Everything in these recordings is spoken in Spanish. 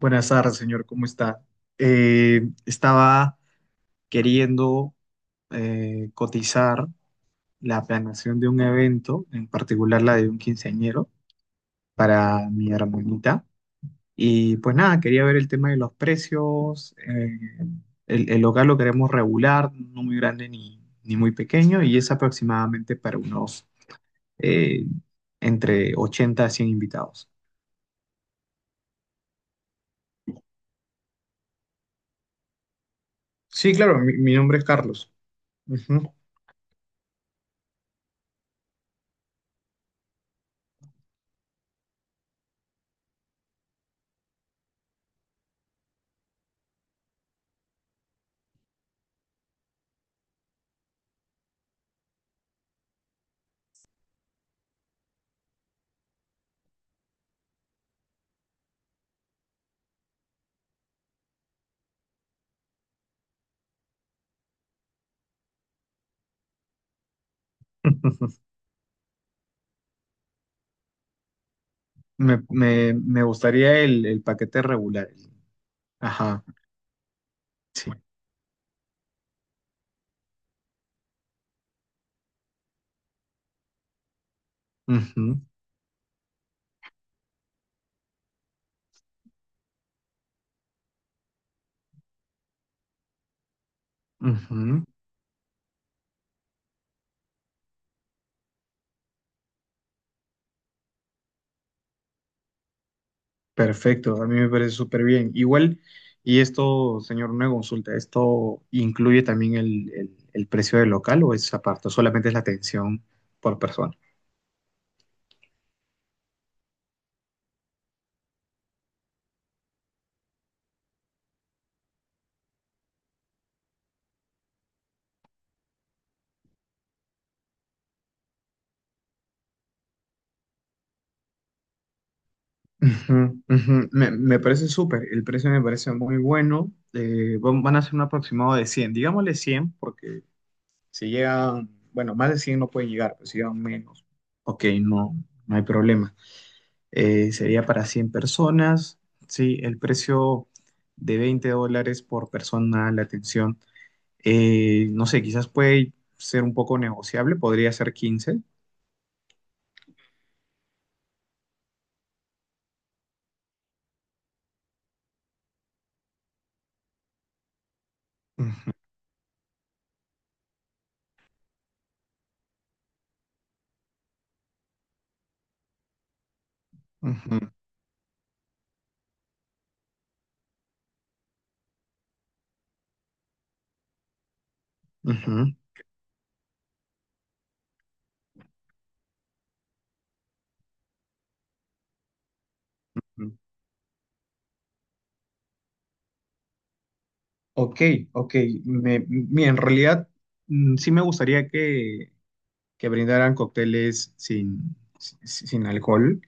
Buenas tardes, señor, ¿cómo está? Estaba queriendo cotizar la planeación de un evento, en particular la de un quinceañero, para mi hermanita. Y pues nada, quería ver el tema de los precios. El local lo queremos regular, no muy grande ni muy pequeño, y es aproximadamente para unos eh, entre 80 a 100 invitados. Sí, claro, mi nombre es Carlos. Ujú. Me gustaría el paquete regular. Ajá, sí. Ujú, ujú. Perfecto, a mí me parece súper bien. Igual, y esto, señor, una consulta, ¿esto incluye también el precio del local o es aparte? ¿O solamente es la atención por persona? Ujú, ujú. Me parece súper, el precio me parece muy bueno. Van a ser un aproximado de cien, digámosle 100 porque si llegan, bueno, más de 100 no pueden llegar, pero si llegan menos, ok, no hay problema. Sería para 100 personas. Sí, el precio de 20 dólares por persona la atención. No sé, quizás puede ser un poco negociable, podría ser quince. Mm, ujú. Ujú. Ok, ok. Mira, en realidad mm, sí me gustaría que brindaran cócteles sin alcohol,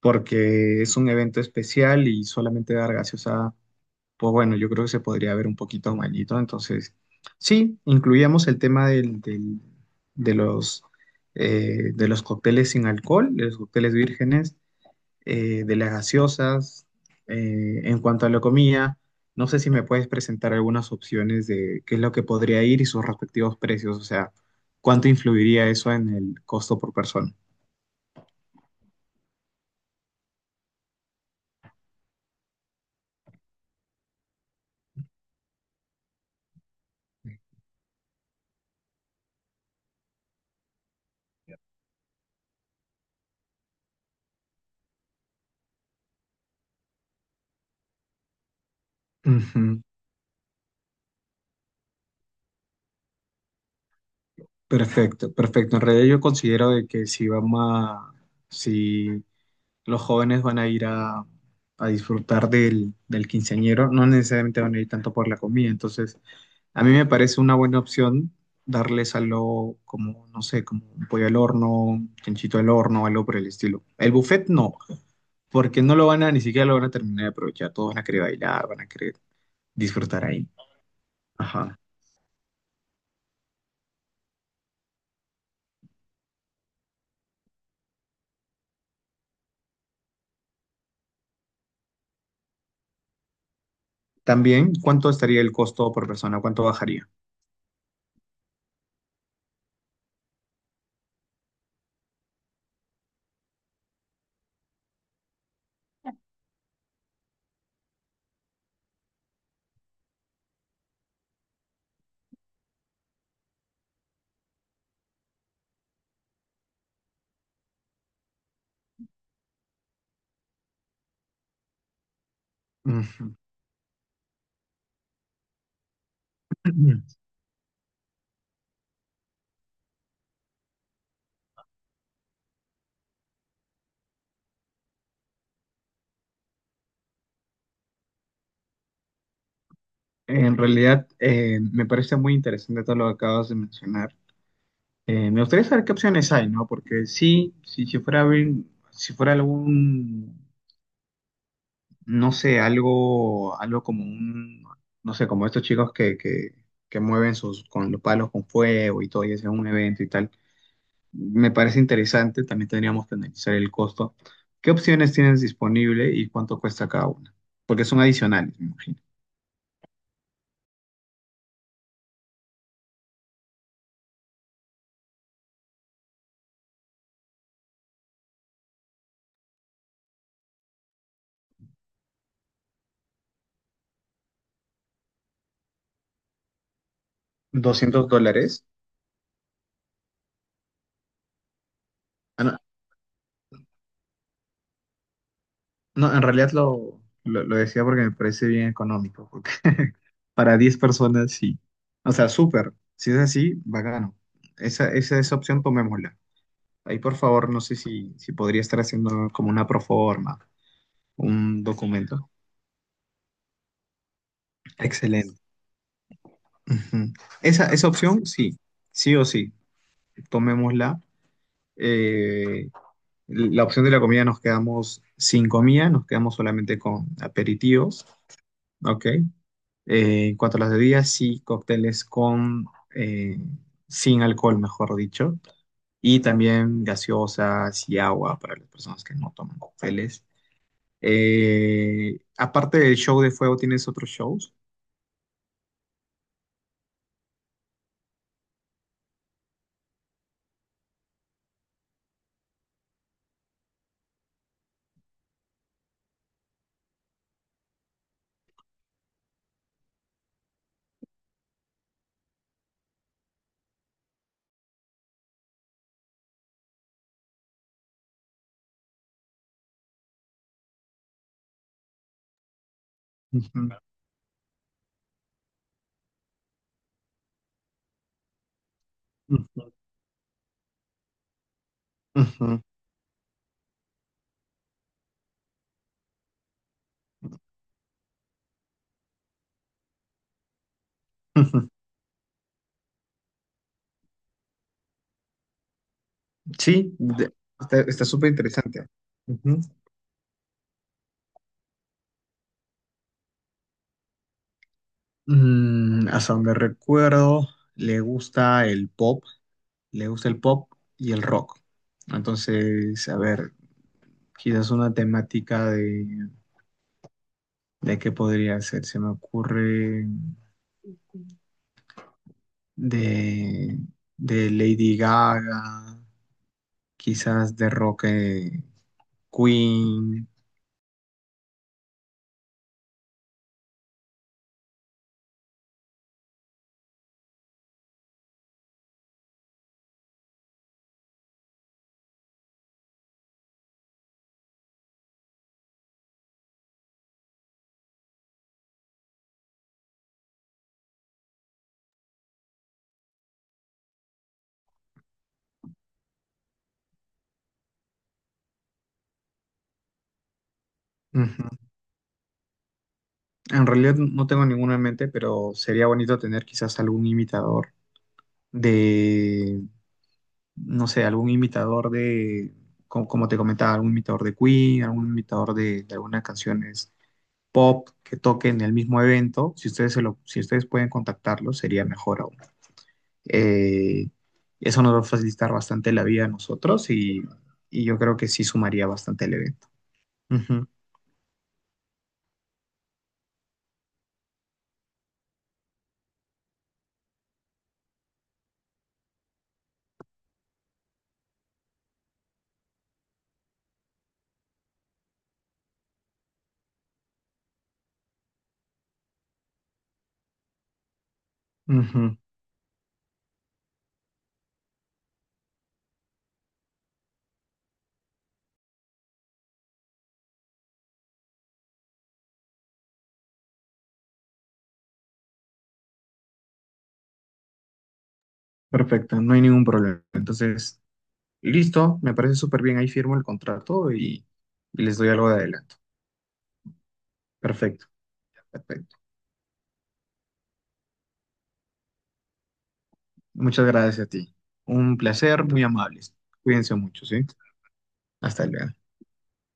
porque es un evento especial y solamente dar gaseosa pues bueno, yo creo que se podría ver un poquito malito. Entonces, sí, incluíamos el tema de los, de los cócteles sin alcohol, de los cócteles vírgenes, de las gaseosas. En cuanto a la comida, no sé si me puedes presentar algunas opciones de qué es lo que podría ir y sus respectivos precios, o sea, cuánto influiría eso en el costo por persona. Ujú. Perfecto, perfecto. En realidad yo considero de que si los jóvenes van a a disfrutar del quinceañero, no necesariamente van a ir tanto por la comida. Entonces, a mí me parece una buena opción darles algo como, no sé, como un pollo al horno, un chanchito al horno, algo por el estilo. El buffet no, porque no lo van a, ni siquiera lo van a terminar de aprovechar. Todos van a querer bailar, van a querer disfrutar ahí. Ajá. También, ¿cuánto estaría el costo por persona? ¿Cuánto bajaría? Ujú. En realidad, me parece muy interesante todo lo que acabas de mencionar. Me gustaría saber qué opciones hay, ¿no? Porque sí, si fuera algún, no sé, algo como un, no sé, como estos chicos que mueven sus, con los palos con fuego y todo, y hacen un evento y tal, me parece interesante, también tendríamos que analizar el costo. ¿Qué opciones tienes disponible y cuánto cuesta cada una? Porque son adicionales, me imagino. ¿Doscientos dólares? No, en realidad lo decía porque me parece bien económico, porque para 10 personas sí. O sea, súper. Si es así, bacano. Esa opción tomémosla. Ahí, por favor, no sé si podría estar haciendo como una proforma, un documento. Excelente. Ujú. Esa opción, sí. Sí o sí, tomémosla. Eh, la opción de la comida nos quedamos sin comida, nos quedamos solamente con aperitivos, ¿ok? En cuanto a las bebidas, sí, cócteles eh, sin alcohol, mejor dicho. Y también gaseosas y agua para las personas que no toman cócteles. Aparte del show de fuego, ¿tienes otros shows? Ujú, ujú, ujú, ujú. Sí, de- está súper interesante. Ujú. Mm, hasta donde recuerdo, le gusta el pop, le gusta el pop y el rock. Entonces, a ver, quizás una temática de qué podría ser. Se me ocurre de, de Lady Gaga, quizás de rock Queen. Ujú. En realidad no tengo ninguna en mente, pero sería bonito tener quizás algún imitador de, no sé, algún imitador de, como, te comentaba, algún imitador de Queen, algún imitador de algunas canciones pop que toquen el mismo evento. Si ustedes, se lo, si ustedes pueden contactarlo, sería mejor aún. Eh, Eso nos va a facilitar bastante la vida a nosotros y yo creo que sí sumaría bastante el evento. Ujú, ujú. Perfecto, no hay ningún problema. Entonces, listo, me parece súper bien. Ahí firmo el contrato y les doy algo de adelanto. Perfecto, perfecto. Muchas gracias a ti. Un placer, muy amables. Cuídense mucho, ¿sí? Hasta luego.